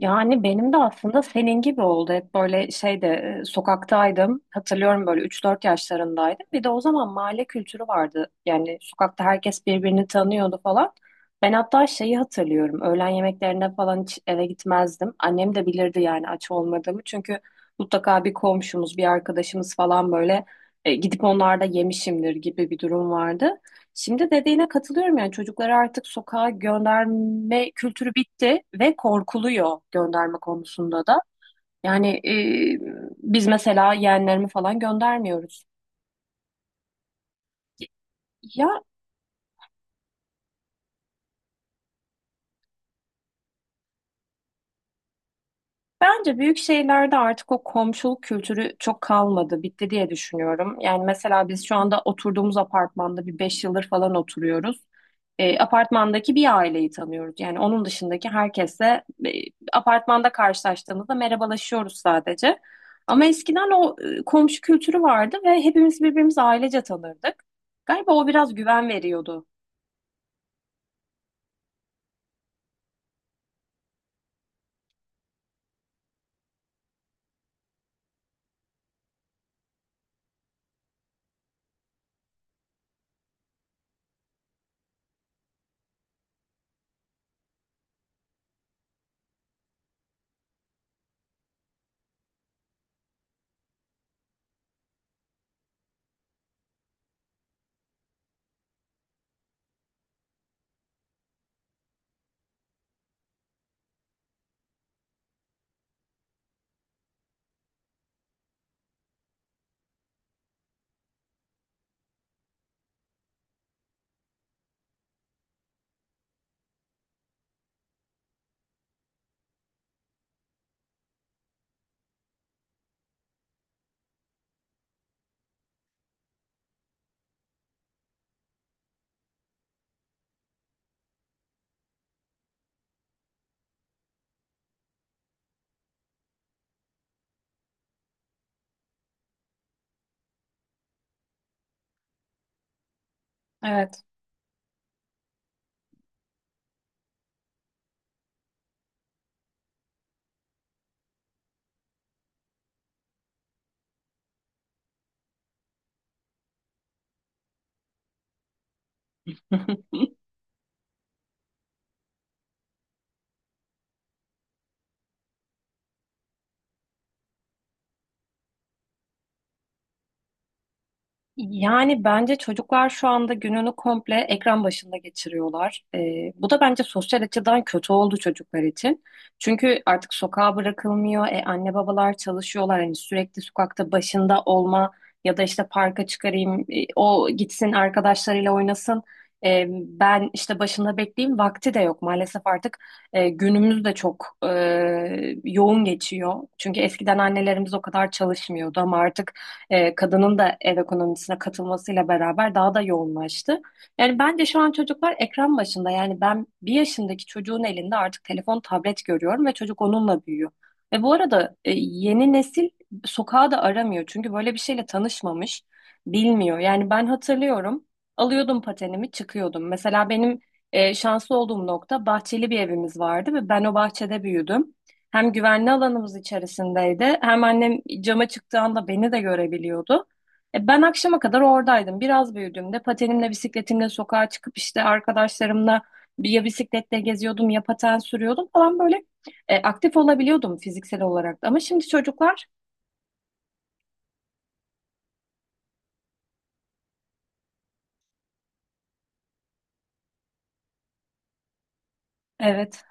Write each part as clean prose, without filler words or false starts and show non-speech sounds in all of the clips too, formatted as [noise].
Yani benim de aslında senin gibi oldu. Hep böyle şeyde sokaktaydım. Hatırlıyorum böyle üç dört yaşlarındaydım. Bir de o zaman mahalle kültürü vardı. Yani sokakta herkes birbirini tanıyordu falan. Ben hatta şeyi hatırlıyorum. Öğlen yemeklerine falan hiç eve gitmezdim. Annem de bilirdi yani aç olmadığımı. Çünkü mutlaka bir komşumuz, bir arkadaşımız falan böyle gidip onlarda yemişimdir gibi bir durum vardı. Şimdi dediğine katılıyorum yani çocukları artık sokağa gönderme kültürü bitti ve korkuluyor gönderme konusunda da. Yani biz mesela yeğenlerimi falan göndermiyoruz. Ya, bence büyük şehirlerde artık o komşuluk kültürü çok kalmadı, bitti diye düşünüyorum. Yani mesela biz şu anda oturduğumuz apartmanda bir 5 yıldır falan oturuyoruz. Apartmandaki bir aileyi tanıyoruz. Yani onun dışındaki herkesle apartmanda karşılaştığımızda merhabalaşıyoruz sadece. Ama eskiden o komşu kültürü vardı ve hepimiz birbirimizi ailece tanırdık. Galiba o biraz güven veriyordu. Evet. [laughs] Yani bence çocuklar şu anda gününü komple ekran başında geçiriyorlar. Bu da bence sosyal açıdan kötü oldu çocuklar için. Çünkü artık sokağa bırakılmıyor. E, anne babalar çalışıyorlar. Hani sürekli sokakta başında olma ya da işte parka çıkarayım, o gitsin arkadaşlarıyla oynasın. E, ben işte başında bekleyeyim vakti de yok. Maalesef artık günümüz de çok yoğun geçiyor. Çünkü eskiden annelerimiz o kadar çalışmıyordu ama artık kadının da ev ekonomisine katılmasıyla beraber daha da yoğunlaştı. Yani bence şu an çocuklar ekran başında. Yani ben bir yaşındaki çocuğun elinde artık telefon, tablet görüyorum ve çocuk onunla büyüyor. Ve bu arada yeni nesil sokağa da aramıyor. Çünkü böyle bir şeyle tanışmamış, bilmiyor. Yani ben hatırlıyorum, alıyordum patenimi, çıkıyordum. Mesela benim şanslı olduğum nokta bahçeli bir evimiz vardı ve ben o bahçede büyüdüm. Hem güvenli alanımız içerisindeydi, hem annem cama çıktığı anda beni de görebiliyordu. E, ben akşama kadar oradaydım. Biraz büyüdüğümde patenimle, bisikletimle sokağa çıkıp işte arkadaşlarımla ya bisikletle geziyordum ya paten sürüyordum falan böyle. E, aktif olabiliyordum fiziksel olarak da. Ama şimdi çocuklar, evet.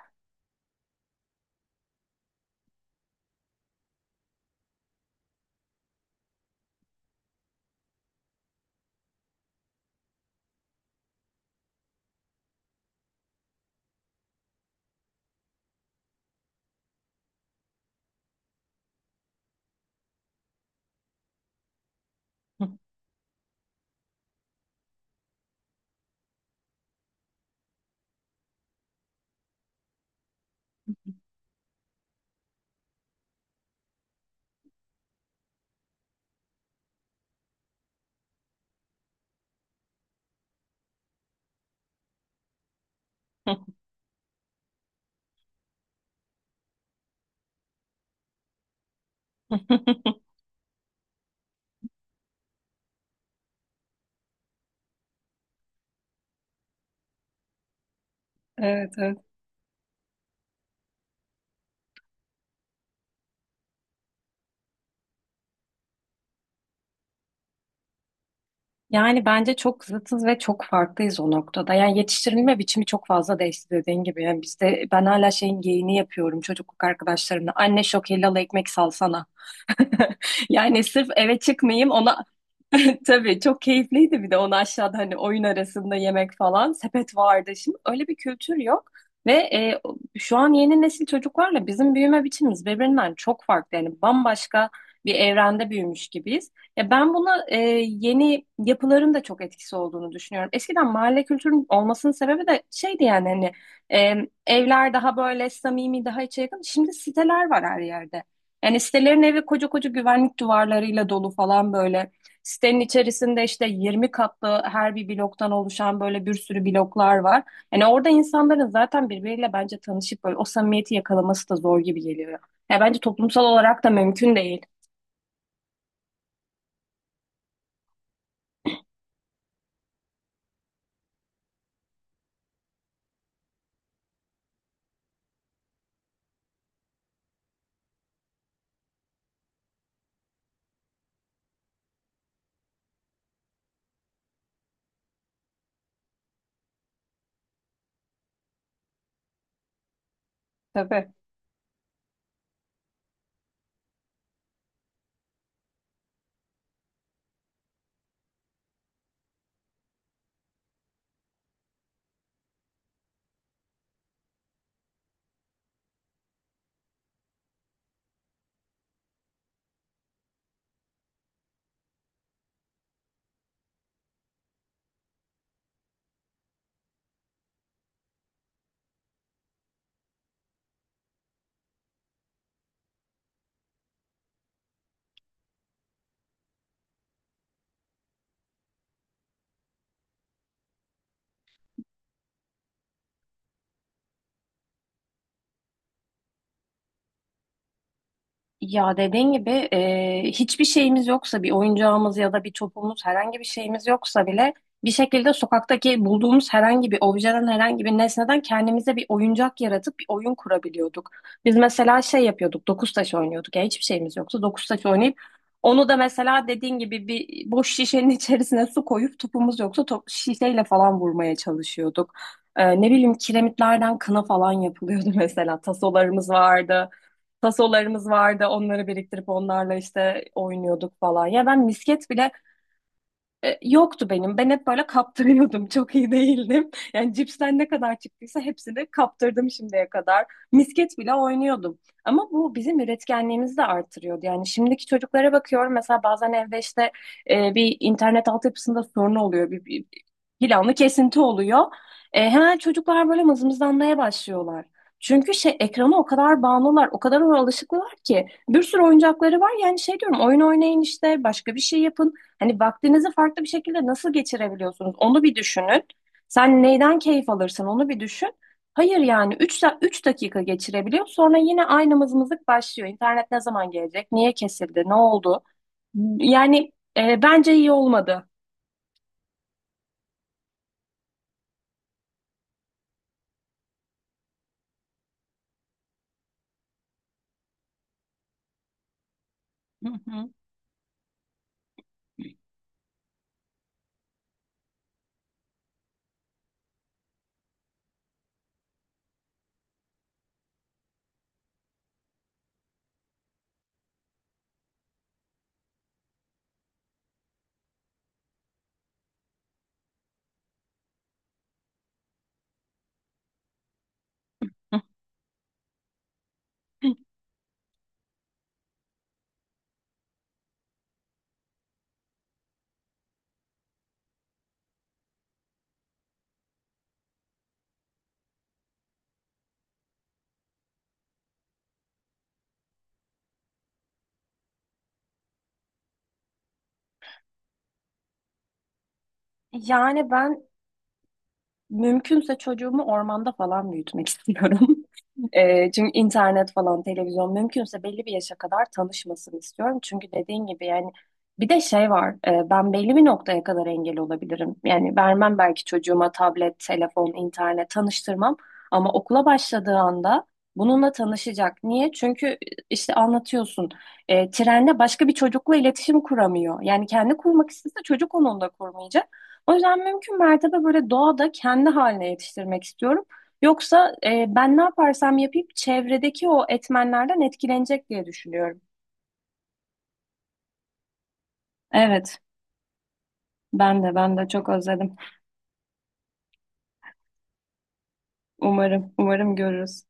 [laughs] Evet, evet. Yani bence çok zıtız ve çok farklıyız o noktada. Yani yetiştirilme biçimi çok fazla değişti dediğin gibi. Yani bizde ben hala şeyin geyiğini yapıyorum çocukluk arkadaşlarımla. Anne şok helal ekmek salsana. [laughs] Yani sırf eve çıkmayayım ona [laughs] tabii çok keyifliydi, bir de onu aşağıda hani oyun arasında yemek falan sepet vardı. Şimdi öyle bir kültür yok ve şu an yeni nesil çocuklarla bizim büyüme biçimimiz birbirinden çok farklı. Yani bambaşka bir evrende büyümüş gibiyiz. Ya ben buna yeni yapıların da çok etkisi olduğunu düşünüyorum. Eskiden mahalle kültürünün olmasının sebebi de şeydi yani hani e, evler daha böyle samimi, daha içe yakın. Şimdi siteler var her yerde. Yani sitelerin evi koca koca güvenlik duvarlarıyla dolu falan böyle. Sitenin içerisinde işte 20 katlı her bir bloktan oluşan böyle bir sürü bloklar var. Yani orada insanların zaten birbiriyle bence tanışıp böyle o samimiyeti yakalaması da zor gibi geliyor. Ya bence toplumsal olarak da mümkün değil. Tabii. Ya dediğin gibi hiçbir şeyimiz yoksa, bir oyuncağımız ya da bir topumuz, herhangi bir şeyimiz yoksa bile bir şekilde sokaktaki bulduğumuz herhangi bir objeden, herhangi bir nesneden kendimize bir oyuncak yaratıp bir oyun kurabiliyorduk. Biz mesela şey yapıyorduk, dokuz taş oynuyorduk. Ya hiçbir şeyimiz yoksa dokuz taş oynayıp onu da, mesela dediğin gibi, bir boş şişenin [laughs] içerisine su koyup topumuz yoksa top, şişeyle falan vurmaya çalışıyorduk. E, ne bileyim, kiremitlerden kına falan yapılıyordu. [laughs] Mesela tasolarımız vardı. Tasolarımız vardı. Onları biriktirip onlarla işte oynuyorduk falan. Ya ben misket bile yoktu benim. Ben hep böyle kaptırıyordum. [laughs] Çok iyi değildim. Yani cipsten ne kadar çıktıysa hepsini kaptırdım şimdiye kadar. Misket bile oynuyordum. Ama bu bizim üretkenliğimizi de artırıyordu. Yani şimdiki çocuklara bakıyorum. Mesela bazen evde işte bir internet altyapısında sorun oluyor. Bir planlı kesinti oluyor. E, hemen çocuklar böyle mızmızlanmaya başlıyorlar. Çünkü şey, ekrana o kadar bağımlılar, o kadar ona alışıklılar ki bir sürü oyuncakları var. Yani şey diyorum, oyun oynayın işte, başka bir şey yapın. Hani vaktinizi farklı bir şekilde nasıl geçirebiliyorsunuz? Onu bir düşünün. Sen neyden keyif alırsın, onu bir düşün. Hayır yani 3 3 dakika geçirebiliyor. Sonra yine aynı mızmızlık başlıyor. İnternet ne zaman gelecek? Niye kesildi? Ne oldu? Yani bence iyi olmadı. Hı hı. [laughs] Yani ben mümkünse çocuğumu ormanda falan büyütmek [laughs] istiyorum. E, çünkü internet falan, televizyon mümkünse belli bir yaşa kadar tanışmasını istiyorum. Çünkü dediğin gibi yani bir de şey var. E, ben belli bir noktaya kadar engel olabilirim. Yani vermem belki çocuğuma tablet, telefon, internet tanıştırmam. Ama okula başladığı anda bununla tanışacak. Niye? Çünkü işte anlatıyorsun. E, trende başka bir çocukla iletişim kuramıyor. Yani kendi kurmak istese çocuk onunla kurmayacak. O yüzden mümkün mertebe böyle doğada kendi haline yetiştirmek istiyorum. Yoksa ben ne yaparsam yapayım çevredeki o etmenlerden etkilenecek diye düşünüyorum. Evet, ben de çok özledim. Umarım, umarım görürüz.